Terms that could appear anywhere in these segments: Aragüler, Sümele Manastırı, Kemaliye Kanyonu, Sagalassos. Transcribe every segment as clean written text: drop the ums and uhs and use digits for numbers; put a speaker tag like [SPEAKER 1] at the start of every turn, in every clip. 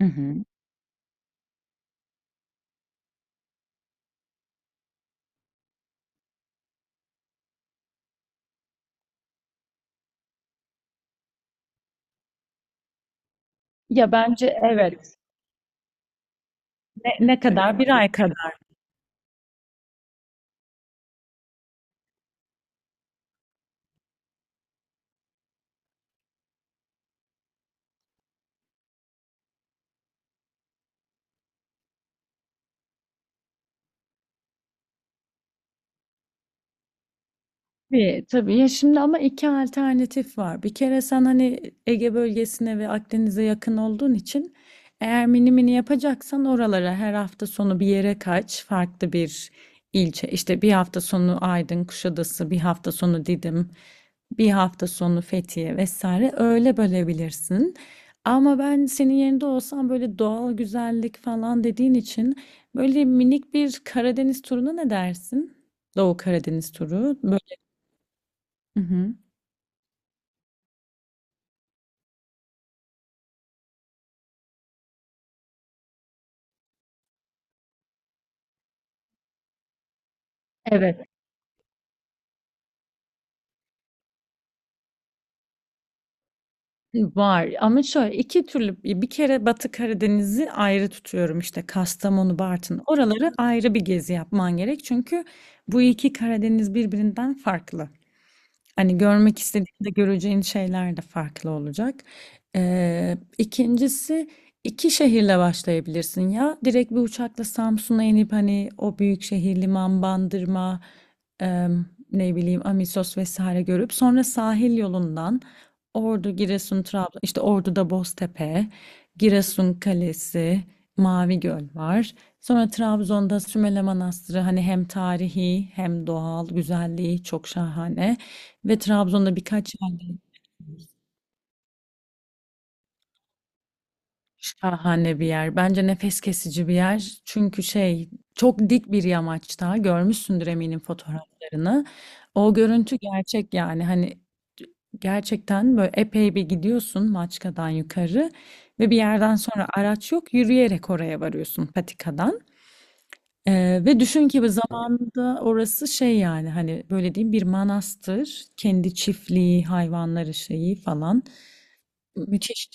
[SPEAKER 1] Hı hı. Ya bence evet. Ne kadar? Bir ay kadar. Tabii, tabii. Ya şimdi ama iki alternatif var. Bir kere sen hani Ege bölgesine ve Akdeniz'e yakın olduğun için eğer mini mini yapacaksan oralara her hafta sonu bir yere kaç, farklı bir ilçe. İşte bir hafta sonu Aydın, Kuşadası, bir hafta sonu Didim, bir hafta sonu Fethiye vesaire öyle bölebilirsin. Ama ben senin yerinde olsam böyle doğal güzellik falan dediğin için böyle minik bir Karadeniz turuna ne dersin? Doğu Karadeniz turu. Hı hı. Evet. Var ama şöyle 2 türlü bir kere Batı Karadeniz'i ayrı tutuyorum, işte, Kastamonu, Bartın oraları ayrı bir gezi yapman gerek çünkü bu 2 Karadeniz birbirinden farklı. Hani görmek istediğinde göreceğin şeyler de farklı olacak. İkincisi iki şehirle başlayabilirsin ya. Direkt bir uçakla Samsun'a inip hani o büyük şehir liman, Bandırma, em, ne bileyim Amisos vesaire görüp sonra sahil yolundan Ordu, Giresun, Trabzon, işte Ordu'da Boztepe, Giresun Kalesi, Mavi Göl var. Sonra Trabzon'da Sümele Manastırı hani hem tarihi hem doğal güzelliği çok şahane. Ve Trabzon'da birkaç yerde şahane bir yer. Bence nefes kesici bir yer. Çünkü çok dik bir yamaçta görmüşsündür eminim fotoğraflarını. O görüntü gerçek yani hani gerçekten böyle epey bir gidiyorsun Maçka'dan yukarı ve bir yerden sonra araç yok yürüyerek oraya varıyorsun patikadan. Ve düşün ki bu zamanında orası şey yani hani böyle diyeyim bir manastır kendi çiftliği hayvanları şeyi falan müthiş.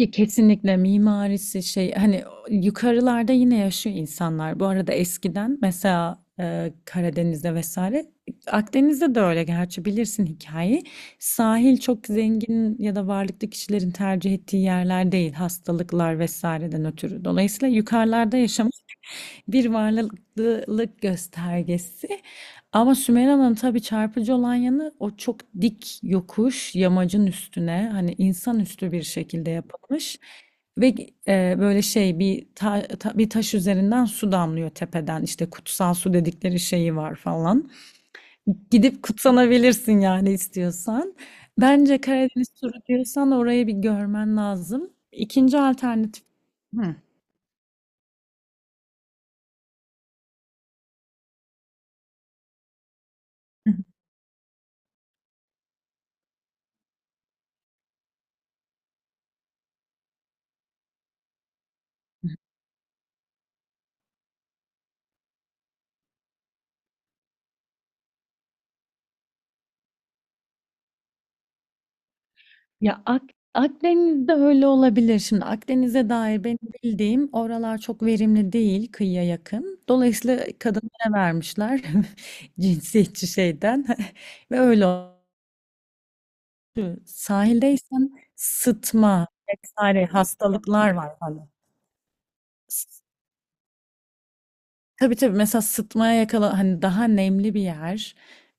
[SPEAKER 1] Ki kesinlikle mimarisi şey hani yukarılarda yine yaşıyor insanlar. Bu arada eskiden mesela Karadeniz'de vesaire Akdeniz'de de öyle gerçi bilirsin hikayeyi. Sahil çok zengin ya da varlıklı kişilerin tercih ettiği yerler değil hastalıklar vesaireden ötürü. Dolayısıyla yukarılarda yaşam bir varlıklılık göstergesi. Ama Sümeyra'nın tabii çarpıcı olan yanı o çok dik yokuş yamacın üstüne hani insanüstü bir şekilde yapılmış ve böyle şey bir bir taş üzerinden su damlıyor tepeden işte kutsal su dedikleri şeyi var falan. Gidip kutsanabilirsin yani istiyorsan. Bence Karadeniz turu diyorsan orayı bir görmen lazım. İkinci alternatif. Hı. Ya Ak Akdeniz'de öyle olabilir. Şimdi Akdeniz'e dair benim bildiğim oralar çok verimli değil kıyıya yakın. Dolayısıyla kadınlara vermişler cinsiyetçi şeyden ve öyle oldu. Sahildeysen sıtma vesaire hastalıklar var hani. S- Tabii tabii mesela sıtmaya yakala hani daha nemli bir yer.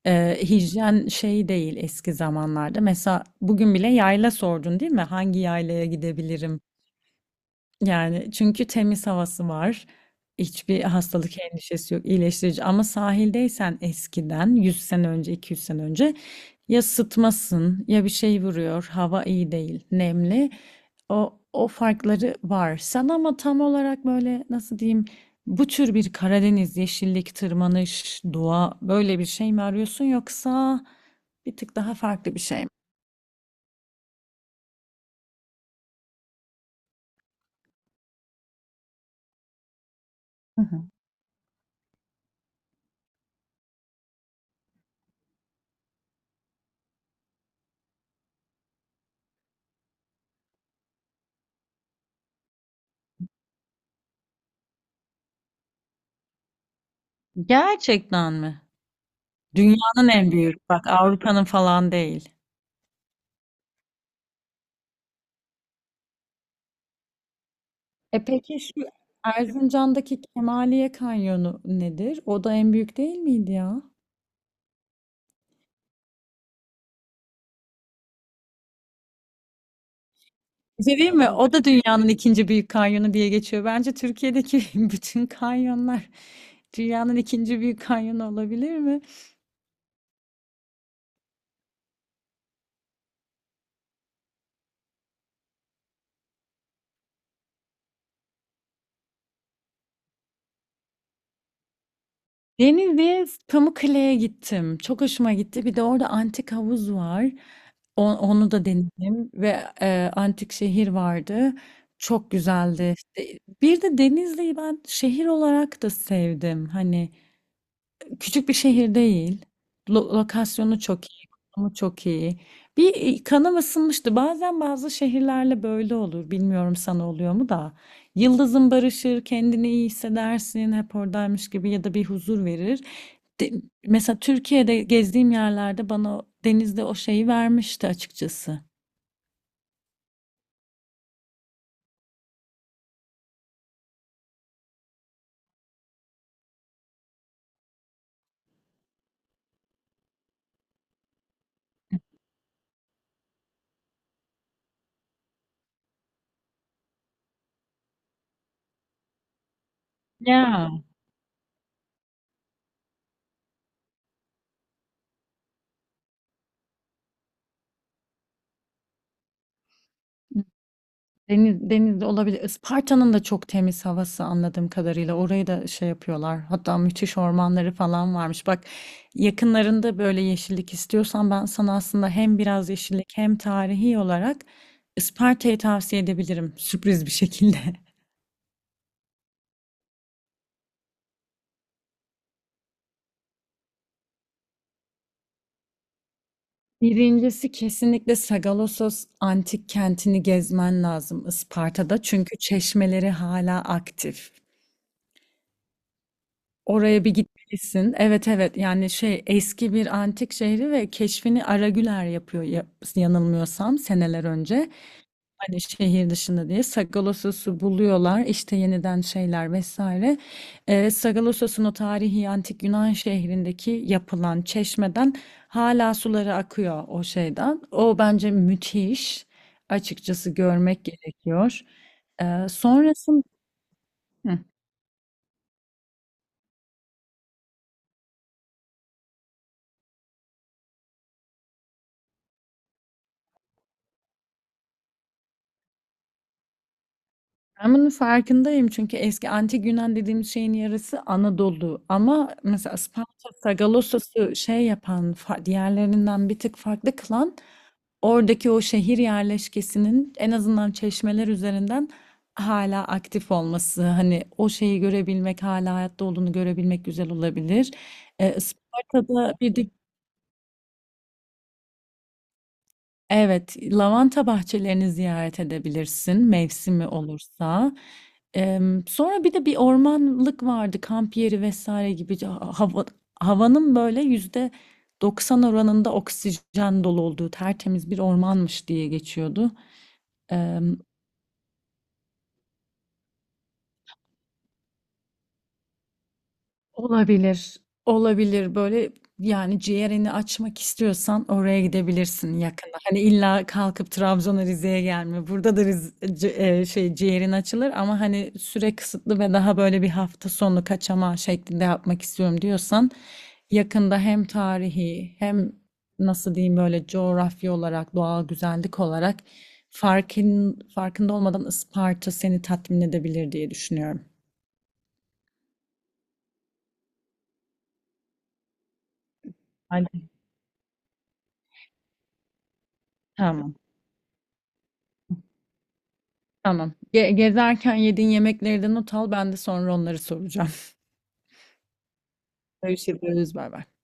[SPEAKER 1] Hijyen şey değil eski zamanlarda. Mesela bugün bile yayla sordun değil mi? Hangi yaylaya gidebilirim? Yani, çünkü temiz havası var. Hiçbir hastalık endişesi yok, iyileştirici ama sahildeysen eskiden 100 sene önce, 200 sene önce ya sıtmasın ya bir şey vuruyor, hava iyi değil, nemli. O farkları var. Sen ama tam olarak böyle nasıl diyeyim, bu tür bir Karadeniz, yeşillik, tırmanış, doğa böyle bir şey mi arıyorsun yoksa bir tık daha farklı bir şey mi? Gerçekten mi? Dünyanın en büyük, bak Avrupa'nın falan değil. E peki şu Erzincan'daki Kemaliye Kanyonu nedir? O da en büyük değil miydi ya? Bir şey diyeyim mi? O da dünyanın ikinci büyük kanyonu diye geçiyor. Bence Türkiye'deki bütün kanyonlar dünyanın ikinci büyük kanyonu olabilir mi? Denizli'ye, Pamukkale'ye gittim. Çok hoşuma gitti. Bir de orada antik havuz var. Onu da denedim ve antik şehir vardı. Çok güzeldi. İşte bir de Denizli'yi ben şehir olarak da sevdim. Hani küçük bir şehir değil. Lokasyonu çok iyi, konumu çok iyi. Kanım ısınmıştı. Bazen bazı şehirlerle böyle olur. Bilmiyorum sana oluyor mu da. Yıldızın barışır, kendini iyi hissedersin, hep oradaymış gibi ya da bir huzur verir. De- Mesela Türkiye'de gezdiğim yerlerde bana denizde o şeyi vermişti açıkçası. Ya. Deniz olabilir. Isparta'nın da çok temiz havası anladığım kadarıyla. Orayı da şey yapıyorlar. Hatta müthiş ormanları falan varmış. Bak yakınlarında böyle yeşillik istiyorsan ben sana aslında hem biraz yeşillik hem tarihi olarak Isparta'yı tavsiye edebilirim sürpriz bir şekilde. Birincisi kesinlikle Sagalassos antik kentini gezmen lazım Isparta'da. Çünkü çeşmeleri hala aktif. Oraya bir gitmelisin. Evet evet yani şey eski bir antik şehri ve keşfini Aragüler yapıyor yanılmıyorsam seneler önce. Hani şehir dışında diye Sagalassos'u buluyorlar işte yeniden şeyler vesaire. Sagalassos'un o tarihi antik Yunan şehrindeki yapılan çeşmeden hala suları akıyor o şeyden. O bence müthiş açıkçası görmek gerekiyor. Sonrasında... Ben bunun farkındayım çünkü eski antik Yunan dediğimiz şeyin yarısı Anadolu ama mesela Isparta, Sagalassos'u şey yapan, diğerlerinden bir tık farklı kılan oradaki o şehir yerleşkesinin en azından çeşmeler üzerinden hala aktif olması. Hani o şeyi görebilmek, hala hayatta olduğunu görebilmek güzel olabilir. Isparta'da bir de evet, lavanta bahçelerini ziyaret edebilirsin mevsimi olursa. Sonra bir de bir ormanlık vardı, kamp yeri vesaire gibi. Havanın böyle yüzde 90 oranında oksijen dolu olduğu tertemiz bir ormanmış diye geçiyordu. Olabilir. Olabilir böyle yani ciğerini açmak istiyorsan oraya gidebilirsin yakında. Hani illa kalkıp Trabzon'a Rize'ye gelme. Burada da ciğerin açılır ama hani süre kısıtlı ve daha böyle bir hafta sonu kaçama şeklinde yapmak istiyorum diyorsan yakında hem tarihi hem nasıl diyeyim böyle coğrafya olarak doğal güzellik olarak farkın farkında olmadan Isparta seni tatmin edebilir diye düşünüyorum. Hadi. Tamam. Tamam. Gezerken yediğin yemekleri de not al. Ben de sonra onları soracağım. Görüşürüz. Bay bay.